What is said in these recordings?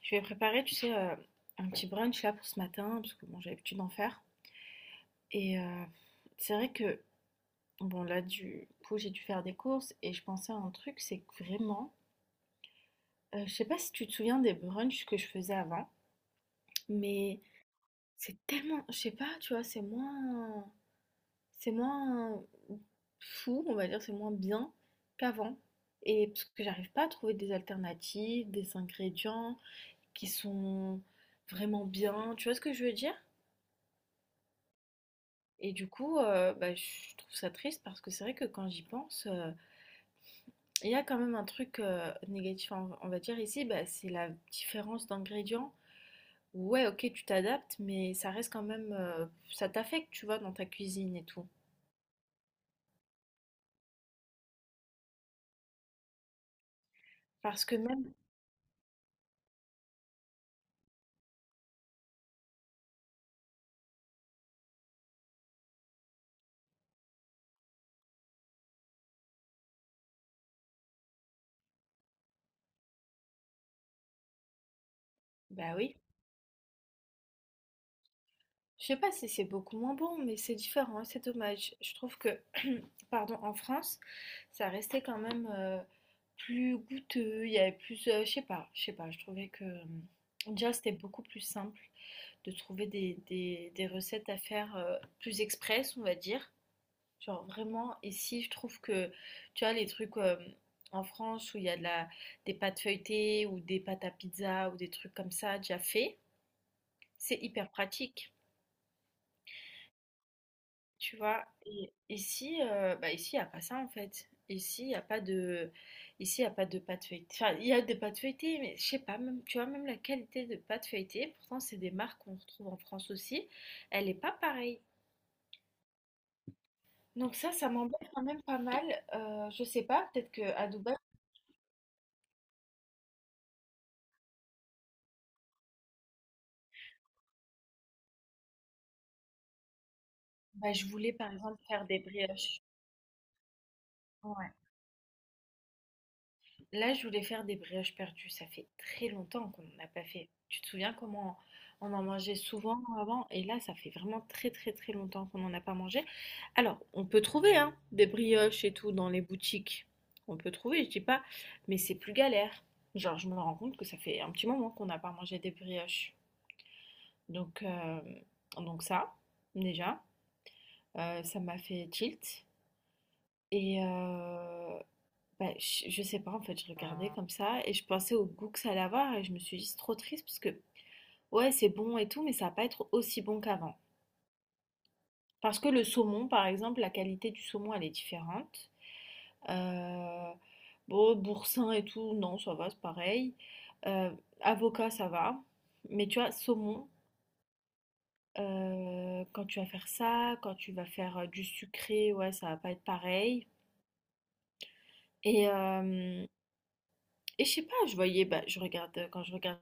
Je vais préparer, tu sais, un petit brunch là pour ce matin, parce que bon, j'ai l'habitude d'en faire. Et c'est vrai que, bon, là, du coup, j'ai dû faire des courses et je pensais à un truc, c'est que vraiment, je sais pas si tu te souviens des brunchs que je faisais avant, mais c'est tellement, je sais pas, tu vois, c'est moins fou, on va dire, c'est moins bien qu'avant. Et parce que j'arrive pas à trouver des alternatives, des ingrédients qui sont vraiment bien, tu vois ce que je veux dire? Et du coup, bah, je trouve ça triste parce que c'est vrai que quand j'y pense, il y a quand même un truc, négatif, on va dire ici, bah, c'est la différence d'ingrédients. Ouais, OK, tu t'adaptes, mais ça reste quand même, ça t'affecte, tu vois, dans ta cuisine et tout. Parce que même bah, oui, je sais pas si c'est beaucoup moins bon, mais c'est différent et c'est dommage. Je trouve que, pardon, en France, ça restait quand même, plus goûteux, il y avait plus, je sais pas, je trouvais que, déjà, c'était beaucoup plus simple, de trouver des recettes à faire plus express, on va dire. Genre vraiment, et si je trouve que, tu vois, les trucs en France où il y a des pâtes feuilletées ou des pâtes à pizza ou des trucs comme ça déjà faits, c'est hyper pratique, tu vois. Et ici, bah ici, il n'y a pas ça en fait. Ici, il n'y a pas de, ici, il y a pas de pâtes feuilletées. Enfin, il y a des pâtes feuilletées, mais je sais pas, même, tu vois, même la qualité de pâtes feuilletées, pourtant, c'est des marques qu'on retrouve en France aussi, elle n'est pas pareille. Donc ça m'embête quand même pas mal. Je sais pas, peut-être que à Dubaï, bah, je voulais par exemple faire des brioches. Ouais. Là, je voulais faire des brioches perdues. Ça fait très longtemps qu'on n'en a pas fait. Tu te souviens comment on en mangeait souvent avant? Et là, ça fait vraiment très très très longtemps qu'on n'en a pas mangé. Alors, on peut trouver hein, des brioches et tout dans les boutiques. On peut trouver, je dis pas, mais c'est plus galère. Genre, je me rends compte que ça fait un petit moment qu'on n'a pas mangé des brioches. Donc, euh, donc ça, déjà. Ça m'a fait tilt. Et bah, je sais pas, en fait, je regardais comme ça et je pensais au goût que ça allait avoir et je me suis dit, c'est trop triste parce que, ouais, c'est bon et tout, mais ça va pas être aussi bon qu'avant. Parce que le saumon, par exemple, la qualité du saumon, elle est différente. Euh, bon, boursin et tout, non, ça va, c'est pareil. Euh, Avocat, ça va. Mais tu vois, saumon, quand tu vas faire ça, quand tu vas faire du sucré, ouais, ça va pas être pareil. Et, euh, Et je sais pas, je voyais, bah, quand je regarde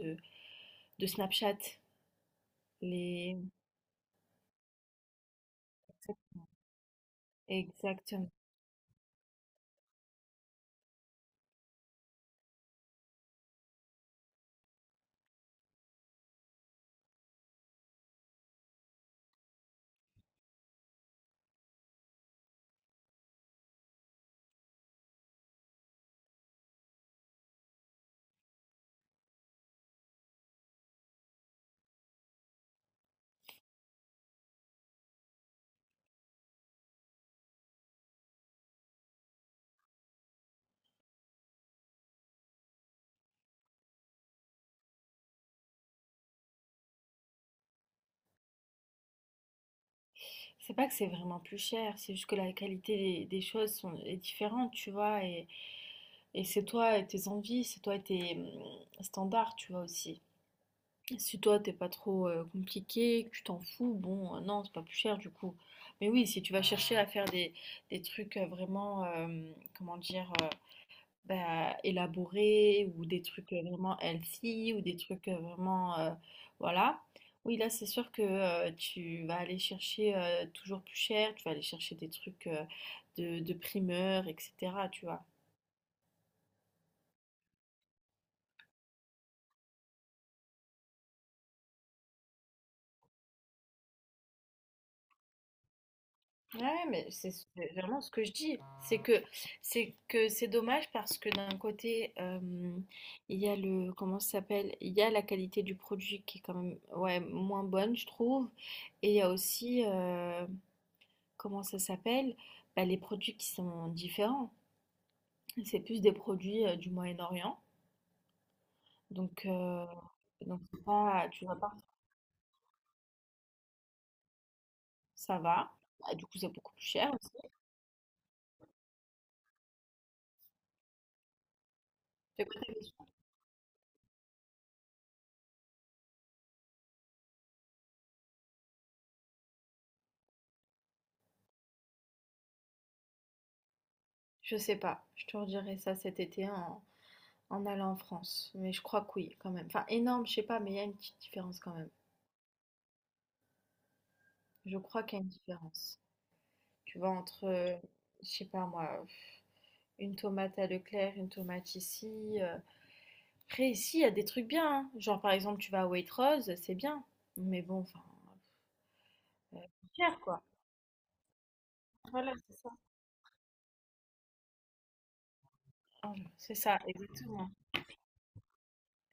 de, de Snapchat, les... Exactement. C'est pas que c'est vraiment plus cher, c'est juste que la qualité des choses sont, est différente, tu vois, et c'est toi et tes envies, c'est toi et tes standards, tu vois, aussi. Si toi, t'es pas trop compliqué, que tu t'en fous, bon, non, c'est pas plus cher, du coup. Mais oui, si tu vas chercher à faire des trucs vraiment, comment dire... bah, élaborés ou des trucs vraiment healthy ou des trucs vraiment voilà. Oui, là, c'est sûr que tu vas aller chercher toujours plus cher, tu vas aller chercher des trucs de primeur, etc. Tu vois. Ouais, mais c'est vraiment ce que je dis. C'est que c'est que c'est dommage parce que d'un côté, il y a le comment ça s'appelle? Il y a la qualité du produit qui est quand même ouais moins bonne, je trouve. Et il y a aussi comment ça s'appelle? Bah, les produits qui sont différents. C'est plus des produits, du Moyen-Orient, donc heu, donc c'est pas tu vas pas ça va. Bah, du coup, c'est beaucoup plus cher aussi. C'est quoi ta question? Je sais pas, je te redirai ça cet été en allant en France, mais je crois que oui, quand même. Enfin énorme, je sais pas, mais il y a une petite différence quand même. Je crois qu'il y a une différence. Tu vois, entre, je sais pas moi, une tomate à Leclerc, une tomate ici, euh, après ici, il y a des trucs bien, hein. Genre, par exemple, tu vas à Waitrose, c'est bien. Mais bon, enfin, c'est cher, quoi. Voilà, c'est ça. Ah, c'est ça, exactement.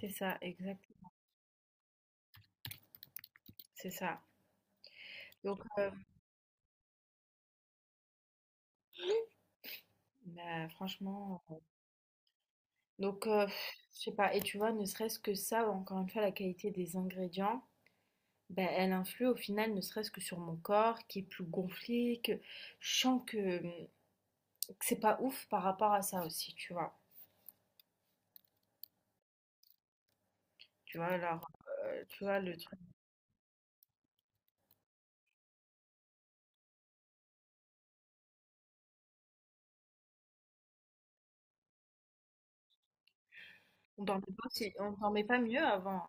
C'est ça, exact. C'est ça. Donc, bah, franchement, je sais pas. Et tu vois, ne serait-ce que ça, encore une fois, la qualité des ingrédients, ben elle influe au final, ne serait-ce que sur mon corps, qui est plus gonflé, que je sens que c'est pas ouf par rapport à ça aussi, tu vois. Tu vois, alors, tu vois, le truc. On dormait pas mieux avant.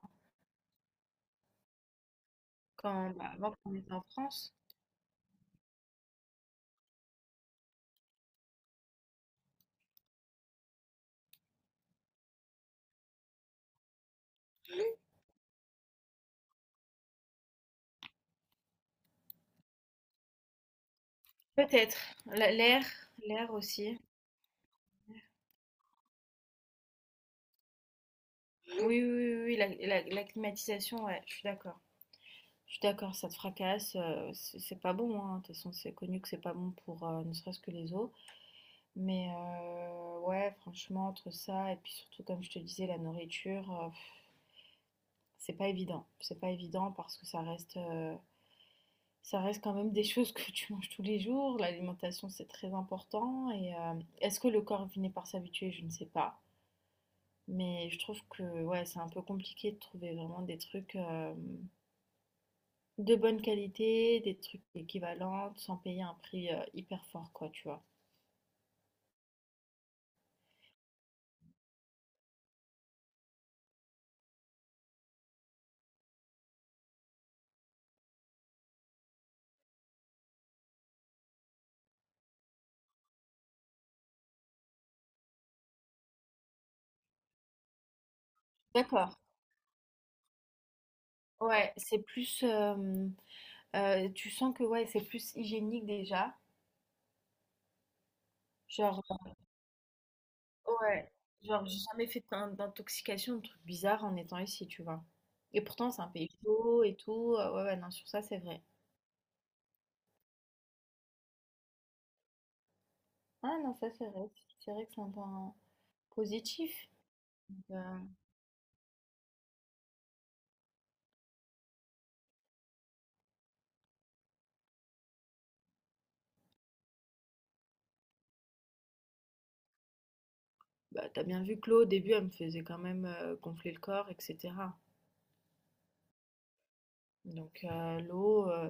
Quand bah, avant qu'on était en France. Peut-être. La- L'air, l'air aussi. Oui, oui, oui, oui, la climatisation, ouais, je suis d'accord. Je suis d'accord, ça te fracasse, c'est pas bon, hein. De toute façon, c'est connu que c'est pas bon pour ne serait-ce que les os. Mais ouais, franchement, entre ça et puis surtout, comme je te disais, la nourriture, c'est pas évident. C'est pas évident parce que ça reste quand même des choses que tu manges tous les jours. L'alimentation, c'est très important. Et est-ce que le corps finit par s'habituer? Je ne sais pas. Mais je trouve que ouais, c'est un peu compliqué de trouver vraiment des trucs de bonne qualité, des trucs équivalents, sans payer un prix hyper fort, quoi, tu vois. D'accord. Ouais, c'est plus. Tu sens que ouais, c'est plus hygiénique déjà. Genre, ouais. Genre, j'ai jamais fait d'intoxication, de trucs bizarres en étant ici, tu vois. Et pourtant, c'est un pays chaud et tout. Ouais, ouais, non, sur ça, c'est vrai. Ah non, ça, c'est vrai. C'est vrai que c'est un point positif. Euh, Bah, t'as bien vu que l'eau, au début, elle me faisait quand même gonfler le corps, etc. Donc, l'eau,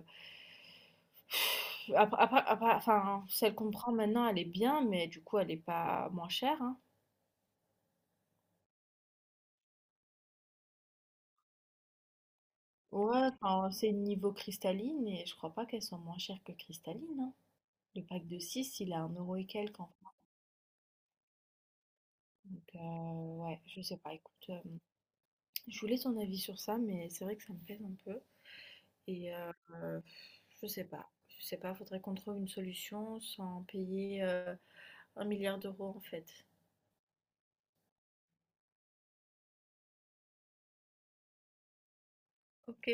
après, enfin, celle qu'on prend maintenant, elle est bien, mais du coup, elle n'est pas moins chère, hein. Ouais, enfin, c'est niveau cristalline, et je crois pas qu'elle soit moins chère que cristalline, hein. Le pack de 6 il a 1 euro et quelques, en France. Donc, ouais, je sais pas, écoute, je voulais ton avis sur ça, mais c'est vrai que ça me pèse un peu, et je sais pas. Je sais pas, faudrait qu'on trouve une solution sans payer un milliard d'euros en fait. Ok.